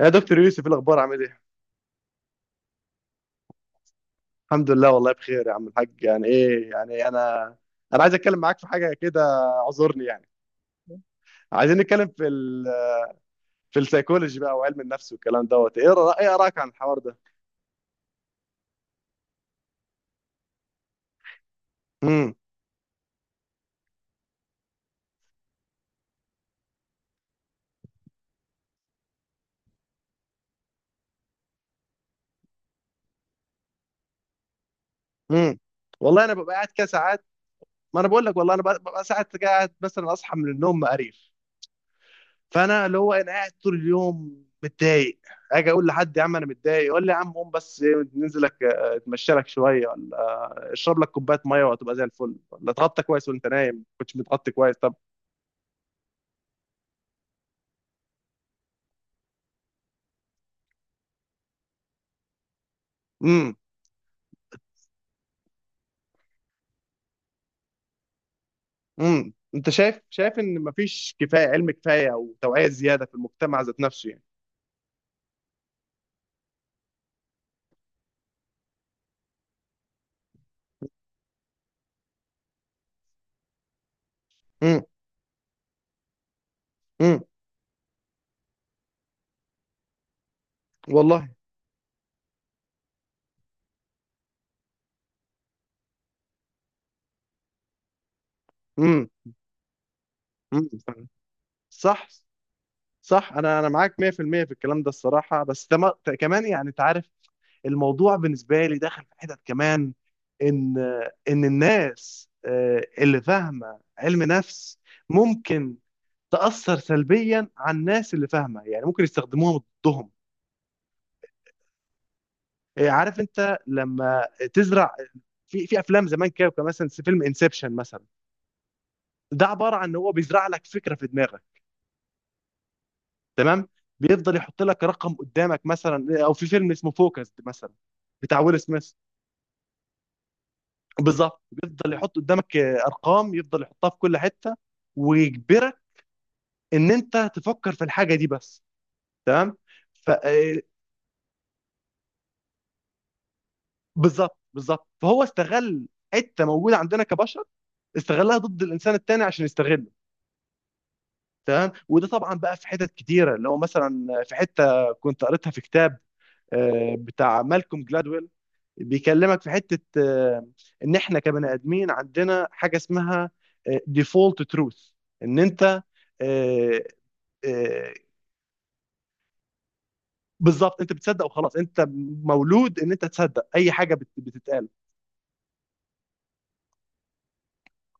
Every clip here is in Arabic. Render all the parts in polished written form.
يا دكتور يوسف، ايه الاخبار؟ عامل ايه؟ الحمد لله والله بخير يا عم الحاج. يعني ايه يعني، انا عايز اتكلم معاك في حاجه كده، اعذرني يعني. عايزين نتكلم في السيكولوجي بقى وعلم النفس والكلام دوت ايه، ايه ارائك عن الحوار ده؟ امم. امم. والله انا ببقى قاعد كده ساعات. ما انا بقول لك والله، انا ببقى ساعات قاعد، مثلا اصحى من النوم مقريف. فانا اللي هو انا قاعد طول اليوم متضايق. اجي اقول لحد يا عم انا متضايق، يقول لي يا عم قوم بس إيه، ننزل لك اتمشى لك شويه، اشرب لك كوبايه ميه وهتبقى زي الفل، ولا اتغطى كويس وانت نايم ما كنتش متغطي كويس، طب. امم. امم. انت شايف ان مفيش كفايه علم، كفايه او توعيه زياده في المجتمع ذات نفسه، يعني؟ امم. امم. والله. امم. امم. صح. صح. انا معاك 100% في المية في الكلام ده الصراحه، بس ده كمان يعني، انت عارف الموضوع بالنسبه لي داخل في حتت كمان، ان ان الناس اللي فاهمه علم نفس ممكن تأثر سلبيا على الناس اللي فاهمة، يعني ممكن يستخدموها ضدهم. إيه، عارف انت لما تزرع في افلام زمان كده، كان مثلا فيلم انسبشن مثلا. ده عبارة عن ان هو بيزرع لك فكرة في دماغك، تمام. بيفضل يحط لك رقم قدامك مثلا، او في فيلم اسمه فوكس مثلا، بتاع ويل سميث. بالظبط، بيفضل يحط قدامك ارقام، يفضل يحطها في كل حتة، ويجبرك ان انت تفكر في الحاجة دي بس، تمام. بالظبط، بالظبط. فهو استغل حته موجوده عندنا كبشر، استغلها ضد الانسان التاني عشان يستغله، تمام. وده طبعا بقى في حتت كتيره. اللي هو مثلا في حته كنت قريتها في كتاب بتاع مالكوم جلادويل. بيكلمك في حته ان احنا كبني ادمين عندنا حاجه اسمها ديفولت تروث. ان انت آه، آه، بالظبط، انت بتصدق وخلاص. انت مولود ان انت تصدق اي حاجه بتتقال.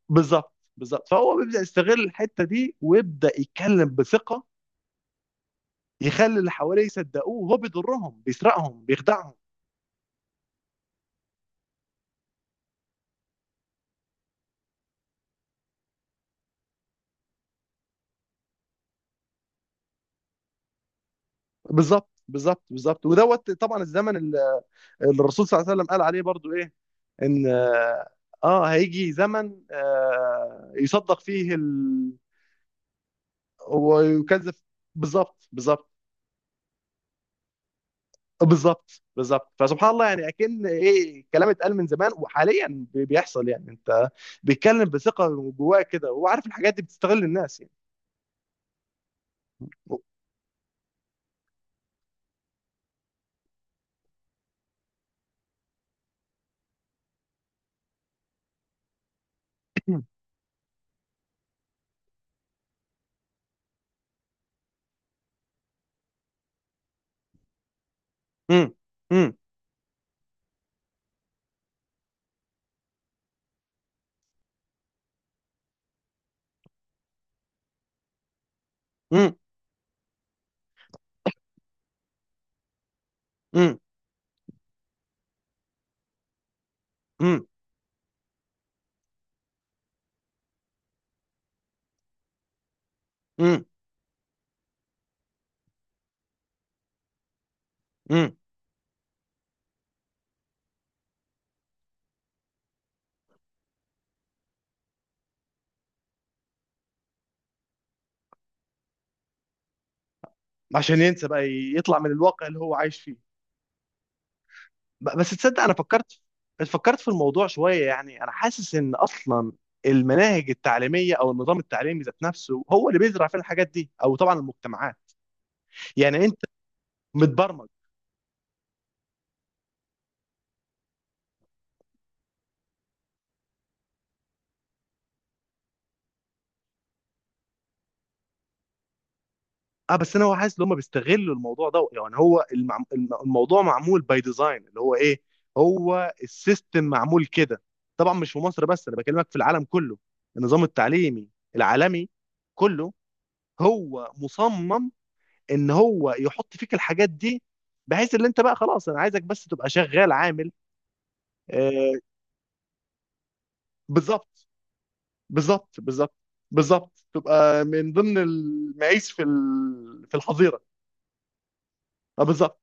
بالظبط، بالظبط. فهو بيبدا يستغل الحته دي، ويبدا يتكلم بثقه، يخلي اللي حواليه يصدقوه، وهو بيضرهم بيسرقهم بيخدعهم. بالظبط، بالظبط، بالظبط. ودوت طبعا الزمن اللي الرسول صلى الله عليه وسلم قال عليه برضو ايه، ان اه هيجي زمن يصدق فيه ويكذب. بالظبط، بالظبط، بالظبط، بالظبط. فسبحان الله يعني، اكن ايه، كلام اتقال من زمان وحاليا بيحصل يعني، انت بيتكلم بثقه جواه كده، وهو عارف الحاجات دي بتستغل الناس يعني. مم. مم. مم. مم. مم. مم. مم. عشان ينسى بقى، يطلع من الواقع اللي هو عايش فيه. بس تصدق، انا فكرت في الموضوع شويه يعني. انا حاسس ان اصلا المناهج التعليميه او النظام التعليمي ذات نفسه هو اللي بيزرع فينا الحاجات دي، او طبعا المجتمعات، يعني انت متبرمج. اه، بس انا هو حاسس ان هم بيستغلوا الموضوع ده، يعني هو الموضوع معمول باي ديزاين اللي هو ايه، هو السيستم معمول كده. طبعا مش في مصر بس، انا بكلمك في العالم كله. النظام التعليمي العالمي كله هو مصمم ان هو يحط فيك الحاجات دي، بحيث ان انت بقى خلاص، انا عايزك بس تبقى شغال عامل آه بالظبط، بالظبط، بالظبط، بالظبط. تبقى من ضمن المعيش في الحظيره. اه، بالظبط.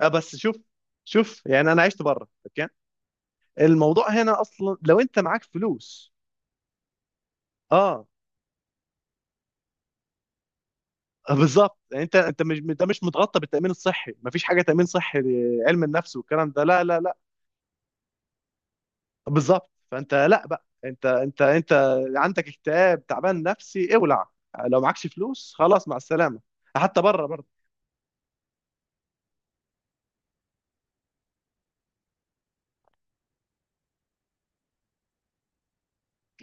بس شوف، شوف يعني انا عشت بره، اوكي. الموضوع هنا اصلا لو انت معاك فلوس، اه. بالظبط يعني، انت مش متغطى بالتامين الصحي، مفيش حاجه تامين صحي، علم النفس والكلام ده، لا، لا، لا. بالظبط. فانت لا بقى، انت عندك اكتئاب، تعبان نفسي، اولع. لو معكش فلوس خلاص، مع السلامه. حتى بره برضه.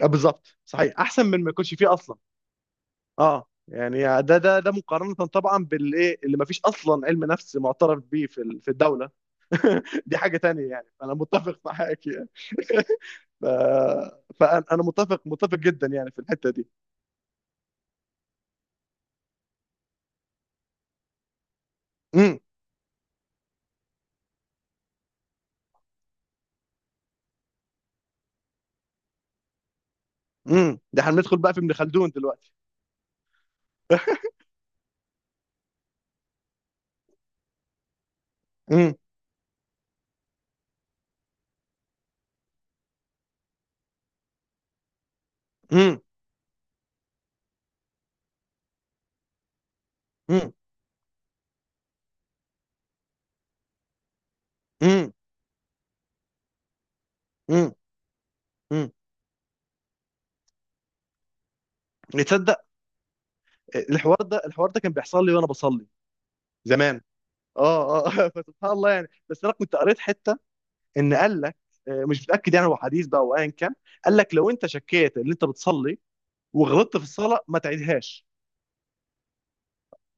بالظبط، صحيح احسن من ما يكونش فيه اصلا. اه يعني، ده مقارنه طبعا بالايه، اللي مفيش اصلا علم نفس معترف بيه في الدوله. دي حاجة تانية يعني، فأنا متفق معاك يعني. ف... فأنا متفق متفق جدا يعني في الحتة دي. امم. امم. ده هندخل بقى في ابن خلدون دلوقتي. امم. امم. امم. امم. امم. امم. تصدق، الحوار ده كان بيحصل لي وأنا بصلي زمان. اه. اه. فسبحان الله يعني. بس أنا كنت قريت حتة، إن قال لك مش متأكد يعني، هو حديث بقى أو أيا كان، قال لك لو أنت شكيت إن أنت بتصلي وغلطت في الصلاة، ما تعيدهاش.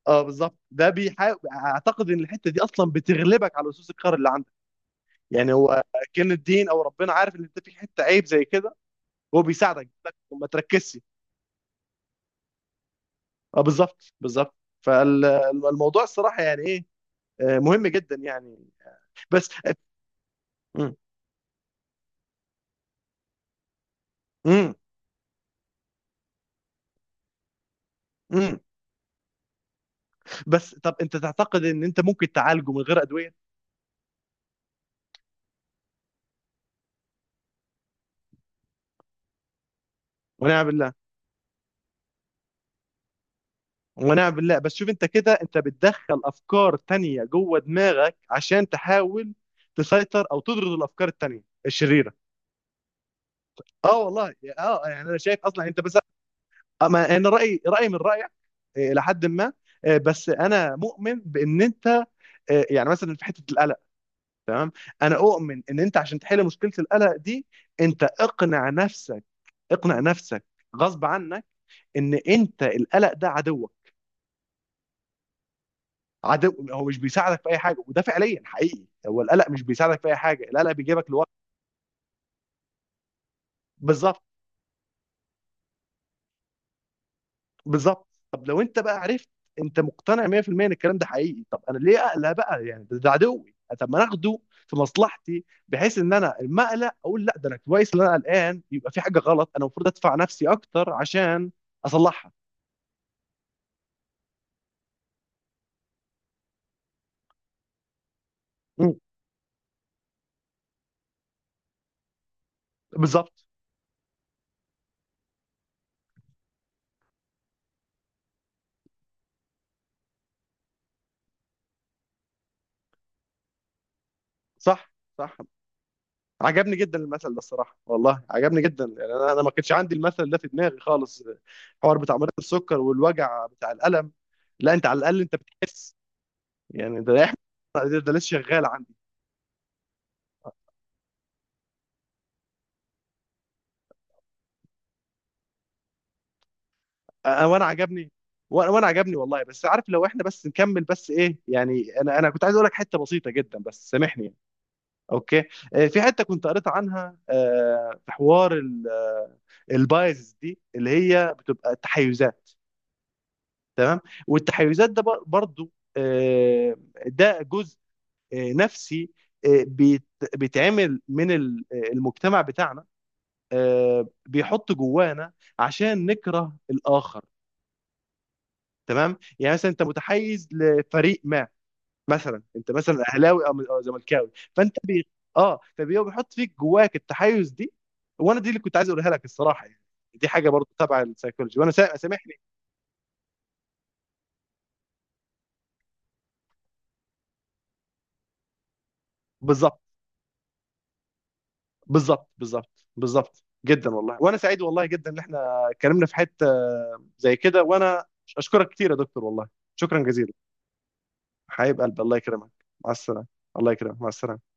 اه، بالظبط. ده بيحاول، اعتقد ان الحته دي اصلا بتغلبك على لصوص القهر اللي عندك يعني. هو كان الدين او ربنا عارف ان انت في حته عيب زي كده، هو بيساعدك لك ما تركزش. اه، بالظبط، بالظبط. فالموضوع الصراحه يعني ايه، مهم جدا يعني. بس امم. امم. امم. بس طب، انت تعتقد ان انت ممكن تعالجه من غير ادويه؟ ونعم بالله. ونعم بالله. بس شوف انت كده، انت بتدخل افكار تانية جوه دماغك، عشان تحاول تسيطر او تطرد الافكار التانية الشريرة. اه، والله، اه يعني انا شايف اصلا انت، بس اما انا رايي من رايك. الى حد ما. بس انا مؤمن بان انت، يعني مثلا في حته القلق، تمام. انا اؤمن ان انت عشان تحل مشكله القلق دي، انت اقنع نفسك، اقنع نفسك غصب عنك، ان انت القلق ده عدوك. عدو، هو مش بيساعدك في اي حاجه، وده فعليا حقيقي، هو القلق مش بيساعدك في اي حاجه، القلق بيجيبك لورا. بالظبط، بالظبط. طب لو انت بقى عرفت، انت مقتنع 100% ان الكلام ده حقيقي، طب انا ليه اقلق بقى يعني، ده عدوي. طب ما انا اخده في مصلحتي، بحيث ان انا لما اقلق اقول لا، ده انا كويس ان انا قلقان، يبقى في حاجه غلط، انا المفروض ادفع نفسي اكتر عشان اصلحها. مم. بالظبط. صح. صح. عجبني جدا المثل ده الصراحه، والله عجبني جدا يعني، انا ما كانش عندي المثل ده في دماغي خالص. الحوار بتاع مريض السكر والوجع بتاع الالم، لا انت على الاقل انت بتحس يعني. ده لسه شغال. وانا عجبني. وأنا عجبني والله. بس عارف، لو احنا بس نكمل، بس ايه يعني، انا كنت عايز اقول لك حته بسيطه جدا، بس سامحني يعني. اوكي. في حته كنت قريت عنها في حوار البايز دي، اللي هي بتبقى التحيزات، تمام. والتحيزات ده برضو، آه، ده جزء نفسي، آه، بيت- بيتعمل المجتمع بتاعنا، بيحط جوانا عشان نكره الاخر. تمام يعني. مثلا انت متحيز لفريق ما، مثلا انت مثلا اهلاوي أو زملكاوي، فانت اه، فبيبقى بيحط فيك جواك التحيز دي. وانا دي اللي كنت عايز اقولها لك الصراحه يعني. دي حاجه برضو تبع السيكولوجي. وانا سامحني. بالظبط، بالظبط، بالظبط، بالظبط جدا. والله، وانا سعيد والله جدا ان احنا اتكلمنا في حته زي كده. وانا اشكرك كتير يا دكتور والله. شكرا جزيلا. حبيب قلبي، الله يكرمك، مع السلامه. الله يكرمك، مع السلامه.